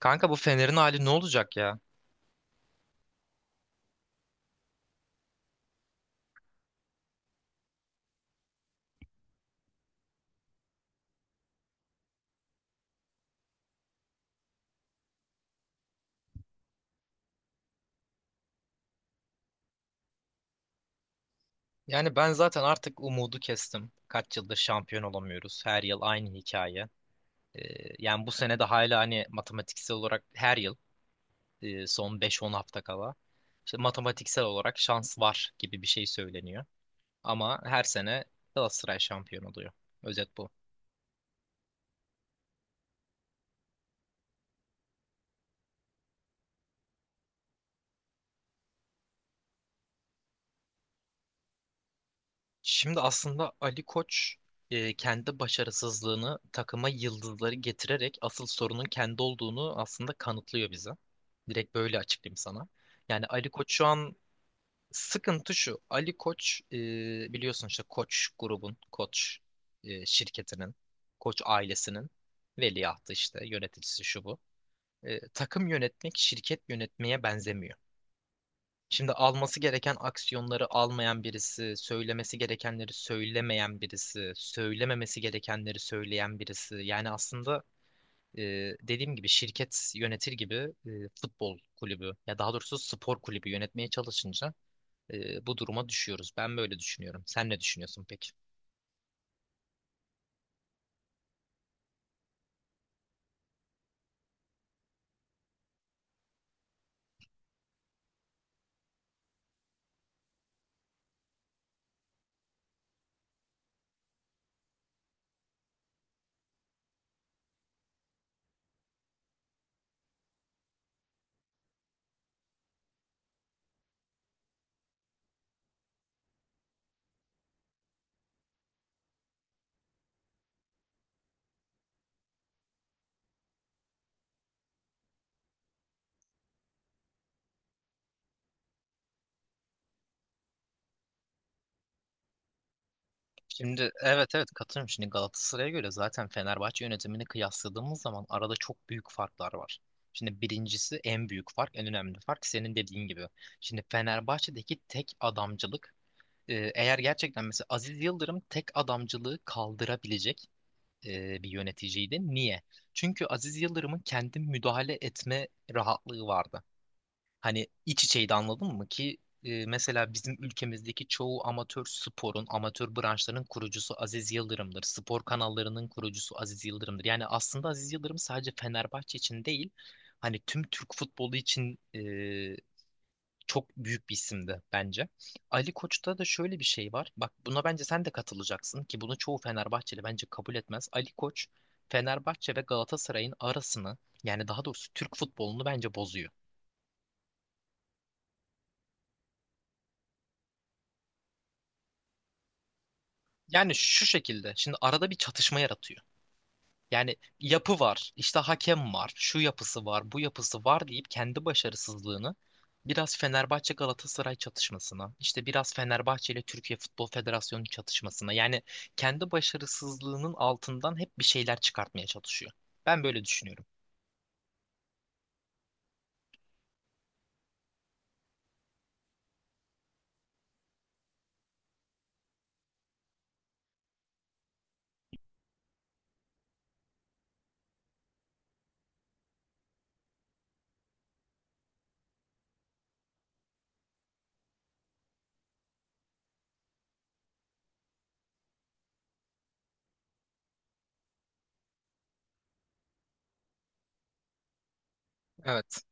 Kanka bu Fener'in hali ne olacak ya? Yani ben zaten artık umudu kestim. Kaç yıldır şampiyon olamıyoruz. Her yıl aynı hikaye. Ee, yani bu sene de hala hani matematiksel olarak her yıl son beş on hafta kala işte matematiksel olarak şans var gibi bir şey söyleniyor. Ama her sene Galatasaray şampiyon oluyor. Özet bu. Şimdi aslında Ali Koç kendi başarısızlığını takıma yıldızları getirerek asıl sorunun kendi olduğunu aslında kanıtlıyor bize. Direkt böyle açıklayayım sana. Yani Ali Koç şu an sıkıntı şu. Ali Koç biliyorsun işte Koç grubun, Koç şirketinin, Koç ailesinin veliahtı işte yöneticisi şu bu. E, takım yönetmek şirket yönetmeye benzemiyor. Şimdi alması gereken aksiyonları almayan birisi, söylemesi gerekenleri söylemeyen birisi, söylememesi gerekenleri söyleyen birisi. Yani aslında e, dediğim gibi şirket yönetir gibi e, futbol kulübü ya daha doğrusu spor kulübü yönetmeye çalışınca bu duruma düşüyoruz. Ben böyle düşünüyorum. Sen ne düşünüyorsun peki? Şimdi evet, evet, katılıyorum. Şimdi Galatasaray'a göre zaten Fenerbahçe yönetimini kıyasladığımız zaman arada çok büyük farklar var. Şimdi birincisi en büyük fark, en önemli fark senin dediğin gibi. Şimdi Fenerbahçe'deki tek adamcılık eğer gerçekten mesela Aziz Yıldırım tek adamcılığı kaldırabilecek bir yöneticiydi. Niye? Çünkü Aziz Yıldırım'ın kendi müdahale etme rahatlığı vardı. Hani iç içeydi anladın mı ki mesela bizim ülkemizdeki çoğu amatör sporun, amatör branşların kurucusu Aziz Yıldırım'dır. Spor kanallarının kurucusu Aziz Yıldırım'dır. Yani aslında Aziz Yıldırım sadece Fenerbahçe için değil, hani tüm Türk futbolu için çok büyük bir isimdi bence. Ali Koç'ta da şöyle bir şey var. Bak buna bence sen de katılacaksın ki bunu çoğu Fenerbahçeli bence kabul etmez. Ali Koç Fenerbahçe ve Galatasaray'ın arasını yani daha doğrusu Türk futbolunu bence bozuyor. Yani şu şekilde şimdi arada bir çatışma yaratıyor. Yani yapı var, işte hakem var, şu yapısı var, bu yapısı var deyip kendi başarısızlığını biraz Fenerbahçe Galatasaray çatışmasına, işte biraz Fenerbahçe ile Türkiye Futbol Federasyonu çatışmasına yani kendi başarısızlığının altından hep bir şeyler çıkartmaya çalışıyor. Ben böyle düşünüyorum. Evet.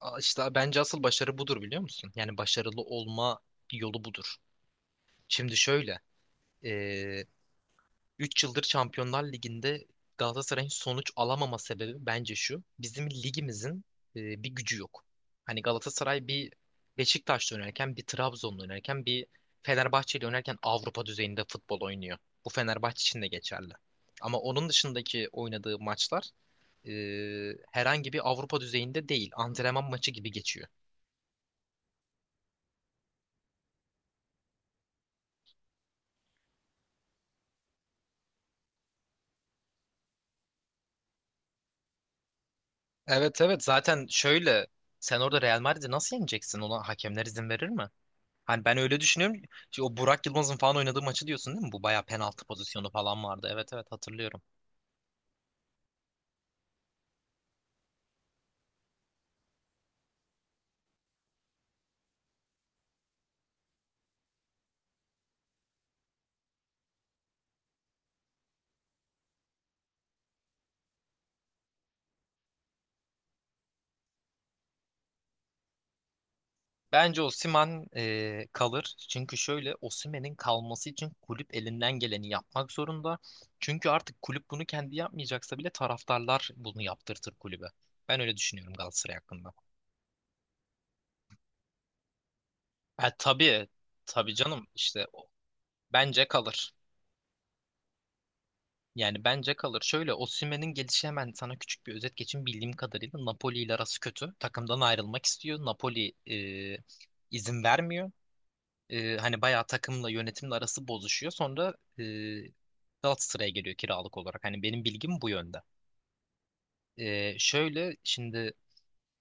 İşte bence asıl başarı budur, biliyor musun? Yani başarılı olma yolu budur. Şimdi şöyle, üç yıldır Şampiyonlar Ligi'nde Galatasaray'ın sonuç alamama sebebi bence şu. Bizim ligimizin bir gücü yok. Hani Galatasaray bir Beşiktaş'ta oynarken, bir Trabzon'da oynarken, bir Fenerbahçe'yle oynarken Avrupa düzeyinde futbol oynuyor. Bu Fenerbahçe için de geçerli. Ama onun dışındaki oynadığı maçlar e, herhangi bir Avrupa düzeyinde değil. Antrenman maçı gibi geçiyor. Evet, evet, zaten şöyle sen orada Real Madrid'i nasıl yeneceksin? Ona hakemler izin verir mi? Hani ben öyle düşünüyorum. Şimdi o Burak Yılmaz'ın falan oynadığı maçı diyorsun değil mi? Bu bayağı penaltı pozisyonu falan vardı. Evet, evet, hatırlıyorum. Bence Osimhen kalır. Çünkü şöyle Osimhen'in kalması için kulüp elinden geleni yapmak zorunda. Çünkü artık kulüp bunu kendi yapmayacaksa bile taraftarlar bunu yaptırtır kulübe. Ben öyle düşünüyorum Galatasaray hakkında. Ha, tabii, tabii canım işte bence kalır. Yani bence kalır. Şöyle Osimhen'in gelişi hemen sana küçük bir özet geçeyim. Bildiğim kadarıyla Napoli ile arası kötü. Takımdan ayrılmak istiyor. Napoli izin vermiyor. E, hani bayağı takımla yönetimle arası bozuşuyor. Sonra Galatasaray'a geliyor kiralık olarak. Hani benim bilgim bu yönde. Şöyle şimdi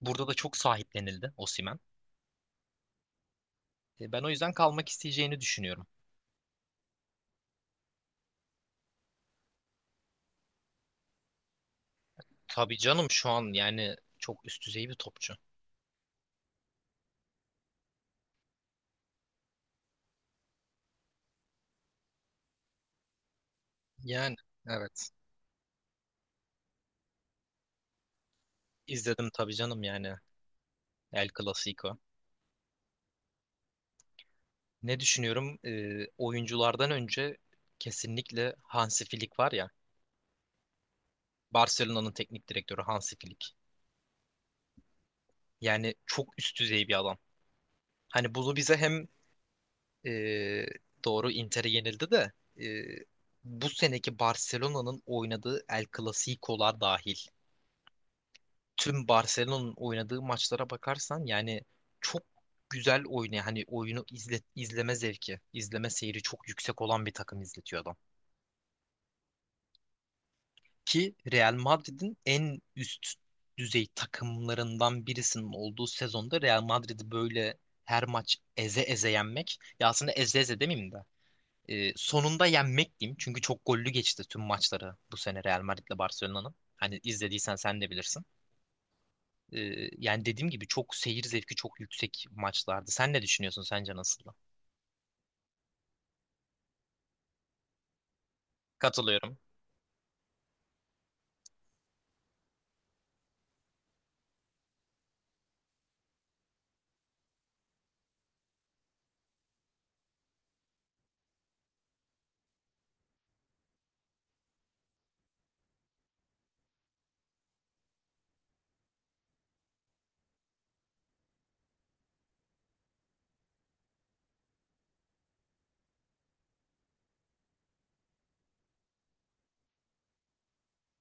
burada da çok sahiplenildi Osimhen. E, ben o yüzden kalmak isteyeceğini düşünüyorum. Tabii canım şu an yani çok üst düzey bir topçu. Yani evet. İzledim tabii canım, yani El Clasico. Ne düşünüyorum? Oyunculardan önce kesinlikle Hansi Flick var ya. Barcelona'nın teknik direktörü Hansi Flick. Yani çok üst düzey bir adam. Hani bunu bize hem e, doğru Inter'e yenildi de e, bu seneki Barcelona'nın oynadığı El Clasico'lar dahil. Tüm Barcelona'nın oynadığı maçlara bakarsan yani çok güzel oynuyor. Hani oyunu izle, izleme zevki, izleme seyri çok yüksek olan bir takım izletiyor adam. Ki Real Madrid'in en üst düzey takımlarından birisinin olduğu sezonda Real Madrid'i böyle her maç eze eze yenmek, ya aslında eze eze demeyeyim de sonunda yenmek diyeyim, çünkü çok gollü geçti tüm maçları bu sene Real Madrid'le Barcelona'nın. Hani izlediysen sen de bilirsin. E, yani dediğim gibi çok seyir zevki çok yüksek maçlardı. Sen ne düşünüyorsun, sence nasıldı? Katılıyorum.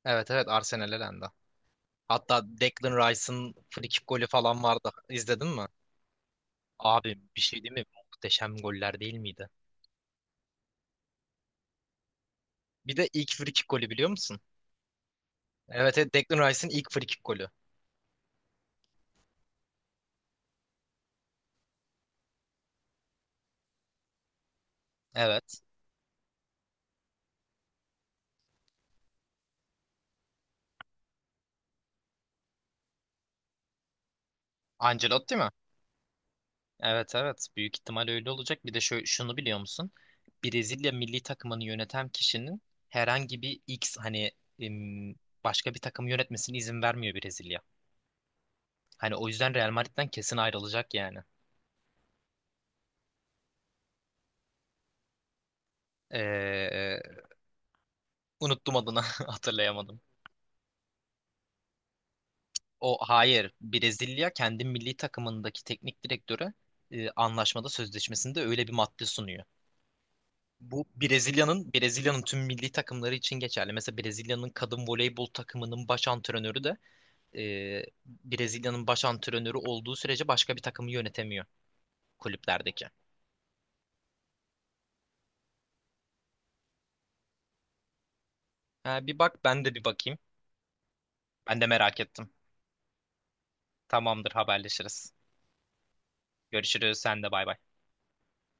Evet, evet, Arsenal elendi. Hatta Declan Rice'ın frikik golü falan vardı. İzledin mi? Abi bir şey değil mi? Muhteşem goller değil miydi? Bir de ilk free kick golü biliyor musun? Evet, evet, Declan Rice'ın ilk free kick golü. Evet. Ancelotti mi? Evet, evet. Büyük ihtimal öyle olacak. Bir de şunu biliyor musun? Brezilya milli takımını yöneten kişinin herhangi bir X hani em, başka bir takım yönetmesine izin vermiyor Brezilya. Hani o yüzden Real Madrid'den kesin ayrılacak yani. Ee, unuttum adını hatırlayamadım. O hayır. Brezilya kendi milli takımındaki teknik direktöre anlaşmada sözleşmesinde öyle bir madde sunuyor. Bu Brezilya'nın tüm milli takımları için geçerli. Mesela Brezilya'nın kadın voleybol takımının baş antrenörü de e, Brezilya'nın baş antrenörü olduğu sürece başka bir takımı yönetemiyor kulüplerdeki. Ha, bir bak, ben de bir bakayım. Ben de merak ettim. Tamamdır, haberleşiriz. Görüşürüz, sen de, bay bay.